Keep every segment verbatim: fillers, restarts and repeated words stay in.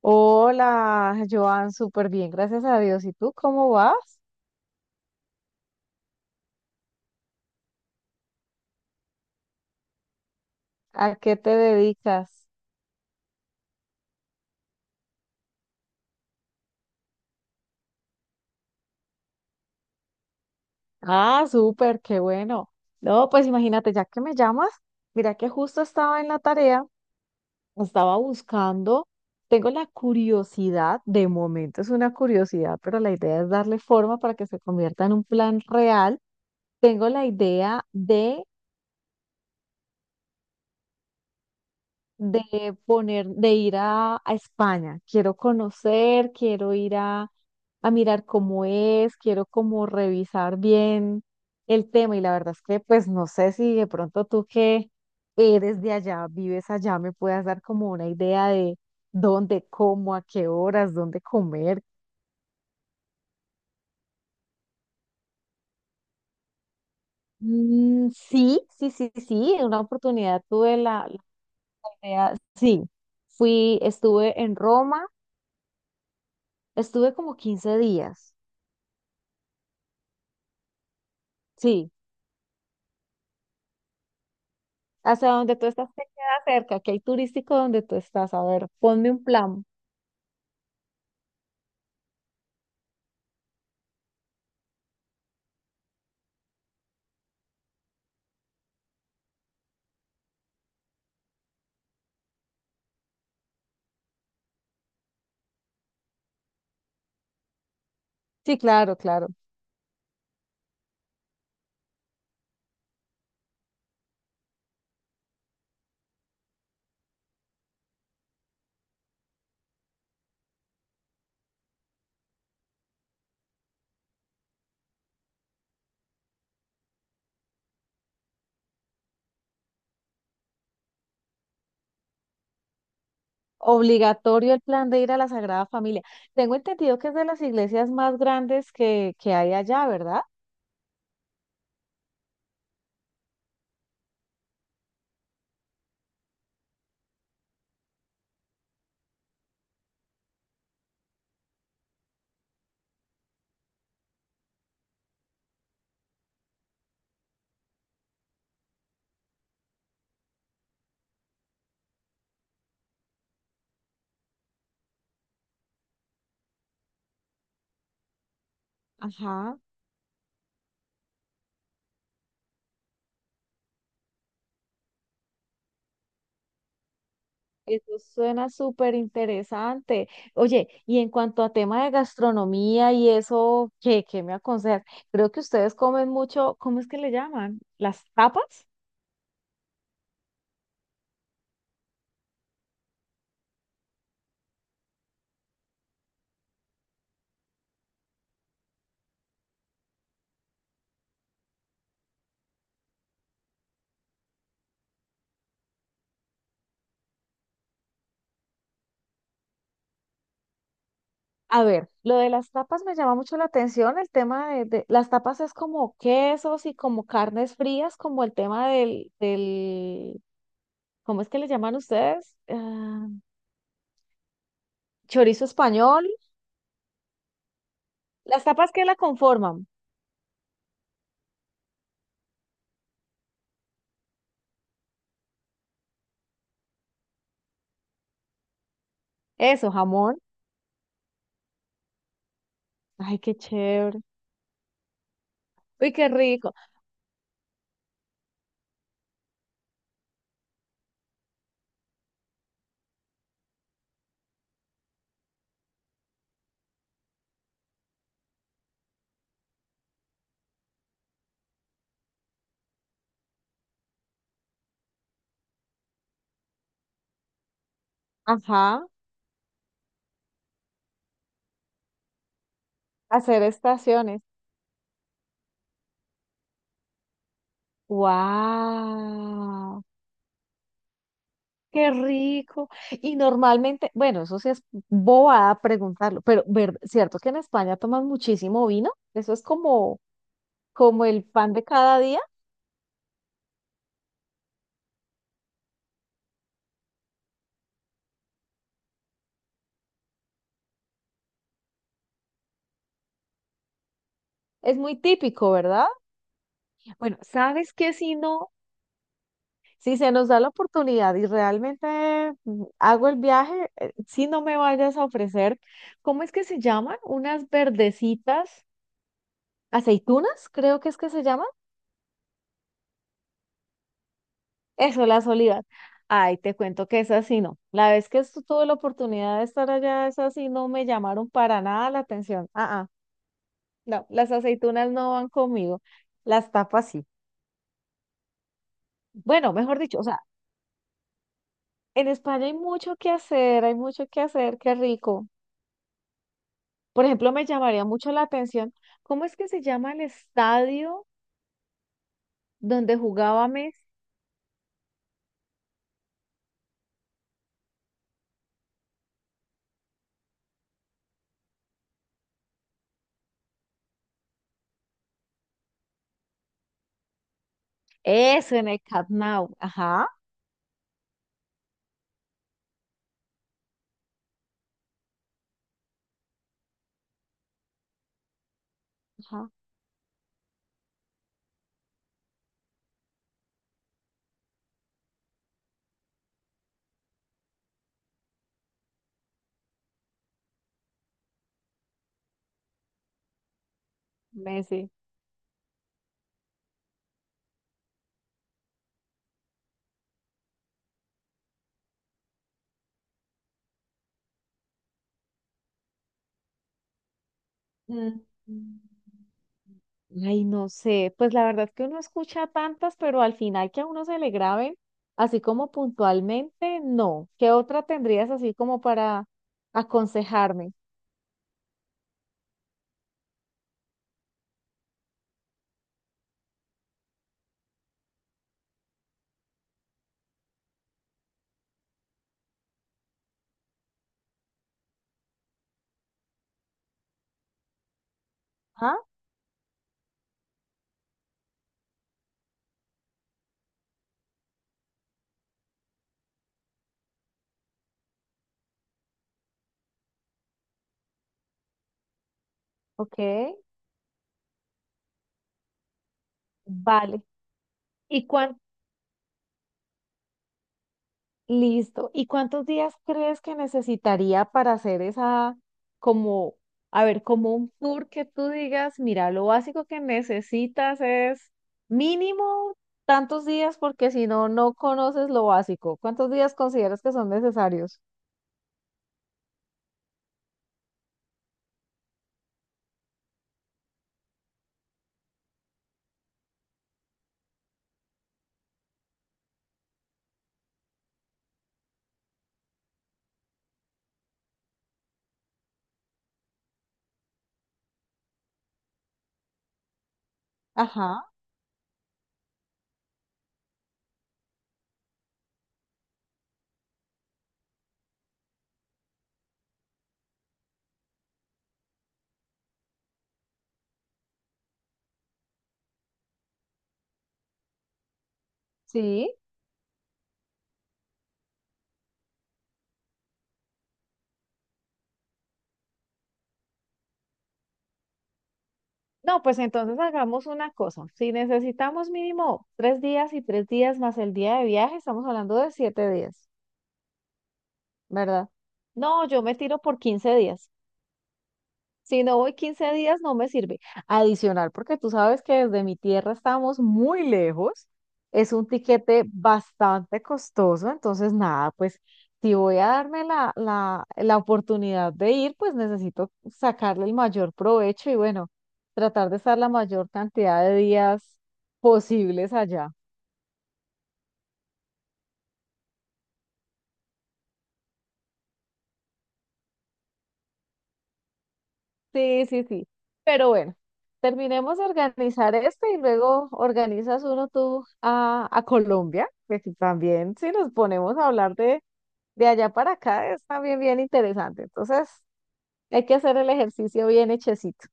Hola, Joan, súper bien, gracias a Dios. ¿Y tú cómo vas? ¿A qué te dedicas? Ah, súper, qué bueno. No, pues imagínate, ya que me llamas, mira que justo estaba en la tarea, estaba buscando, tengo la curiosidad, de momento es una curiosidad, pero la idea es darle forma para que se convierta en un plan real. Tengo la idea de de poner, de ir a, a España. Quiero conocer, quiero ir a, a mirar cómo es, quiero como revisar bien el tema. Y la verdad es que pues no sé si de pronto tú que eres de allá, vives allá, me puedas dar como una idea de dónde, cómo, a qué horas, dónde comer. Mm, sí, sí, sí, sí, en una oportunidad tuve la, la idea, sí, fui, estuve en Roma, estuve como quince días, sí, hasta donde tú estás te queda cerca, que hay turístico donde tú estás. A ver, ponme un plan. Sí, claro, claro. Obligatorio el plan de ir a la Sagrada Familia. Tengo entendido que es de las iglesias más grandes que, que hay allá, ¿verdad? Ajá. Eso suena súper interesante. Oye, y en cuanto a tema de gastronomía y eso, ¿qué, qué me aconsejas? Creo que ustedes comen mucho, ¿cómo es que le llaman? ¿Las tapas? A ver, lo de las tapas me llama mucho la atención. El tema de, de- las tapas es como quesos y como carnes frías, como el tema del, del, ¿cómo es que le llaman ustedes? Ah, chorizo español. Las tapas que la conforman. Eso, jamón. Ay, qué chévere. Uy, qué rico. Ajá, hacer estaciones. ¡Wow! Qué rico. Y normalmente, bueno, eso sí es bobada preguntarlo, pero ver, ¿cierto que en España toman muchísimo vino? Eso es como, como el pan de cada día. Es muy típico, ¿verdad? Bueno, ¿sabes qué? Si no, si se nos da la oportunidad y realmente mm, hago el viaje, eh, si no me vayas a ofrecer, ¿cómo es que se llaman? Unas verdecitas, aceitunas, creo que es que se llaman. Eso, la soledad. Ay, te cuento que esa sí no. La vez que estu- tuve la oportunidad de estar allá, esa sí no me llamaron para nada la atención. Ah, ah, no, las aceitunas no van conmigo. Las tapas sí. Bueno, mejor dicho, o sea, en España hay mucho que hacer, hay mucho que hacer, qué rico. Por ejemplo, me llamaría mucho la atención, ¿cómo es que se llama el estadio donde jugaba Messi? Eso, en el Camp Nou. Ajá, ajá, Messi. Mm. Ay, no sé, pues la verdad es que uno escucha tantas, pero al final que a uno se le graben, así como puntualmente, no. ¿Qué otra tendrías así como para aconsejarme? Ah, ok, vale. ¿Y cuán- Listo. ¿Y cuántos días crees que necesitaría para hacer esa, como, a ver, como un tour que tú digas, mira, lo básico que necesitas es mínimo tantos días porque si no, no conoces lo básico. ¿Cuántos días consideras que son necesarios? Ajá, sí. No, pues entonces hagamos una cosa. Si necesitamos mínimo tres días y tres días más el día de viaje, estamos hablando de siete días, ¿verdad? No, yo me tiro por quince días. Si no voy quince días, no me sirve. Adicional, porque tú sabes que desde mi tierra estamos muy lejos. Es un tiquete bastante costoso, entonces nada, pues si voy a darme la, la, la oportunidad de ir, pues necesito sacarle el mayor provecho y bueno, tratar de estar la mayor cantidad de días posibles allá. Sí, sí, sí. Pero bueno, terminemos de organizar este y luego organizas uno tú a, a Colombia, que si también si nos ponemos a hablar de, de allá para acá es también bien interesante. Entonces, hay que hacer el ejercicio bien hechecito.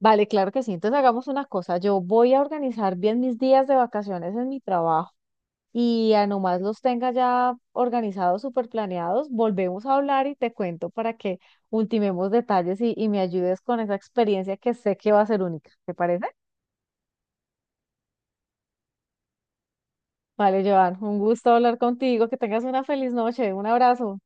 Vale, claro que sí. Entonces hagamos una cosa. Yo voy a organizar bien mis días de vacaciones en mi trabajo. Y a nomás los tenga ya organizados, súper planeados, volvemos a hablar y te cuento para que ultimemos detalles y, y me ayudes con esa experiencia que sé que va a ser única. ¿Te parece? Vale, Joan, un gusto hablar contigo, que tengas una feliz noche, un abrazo.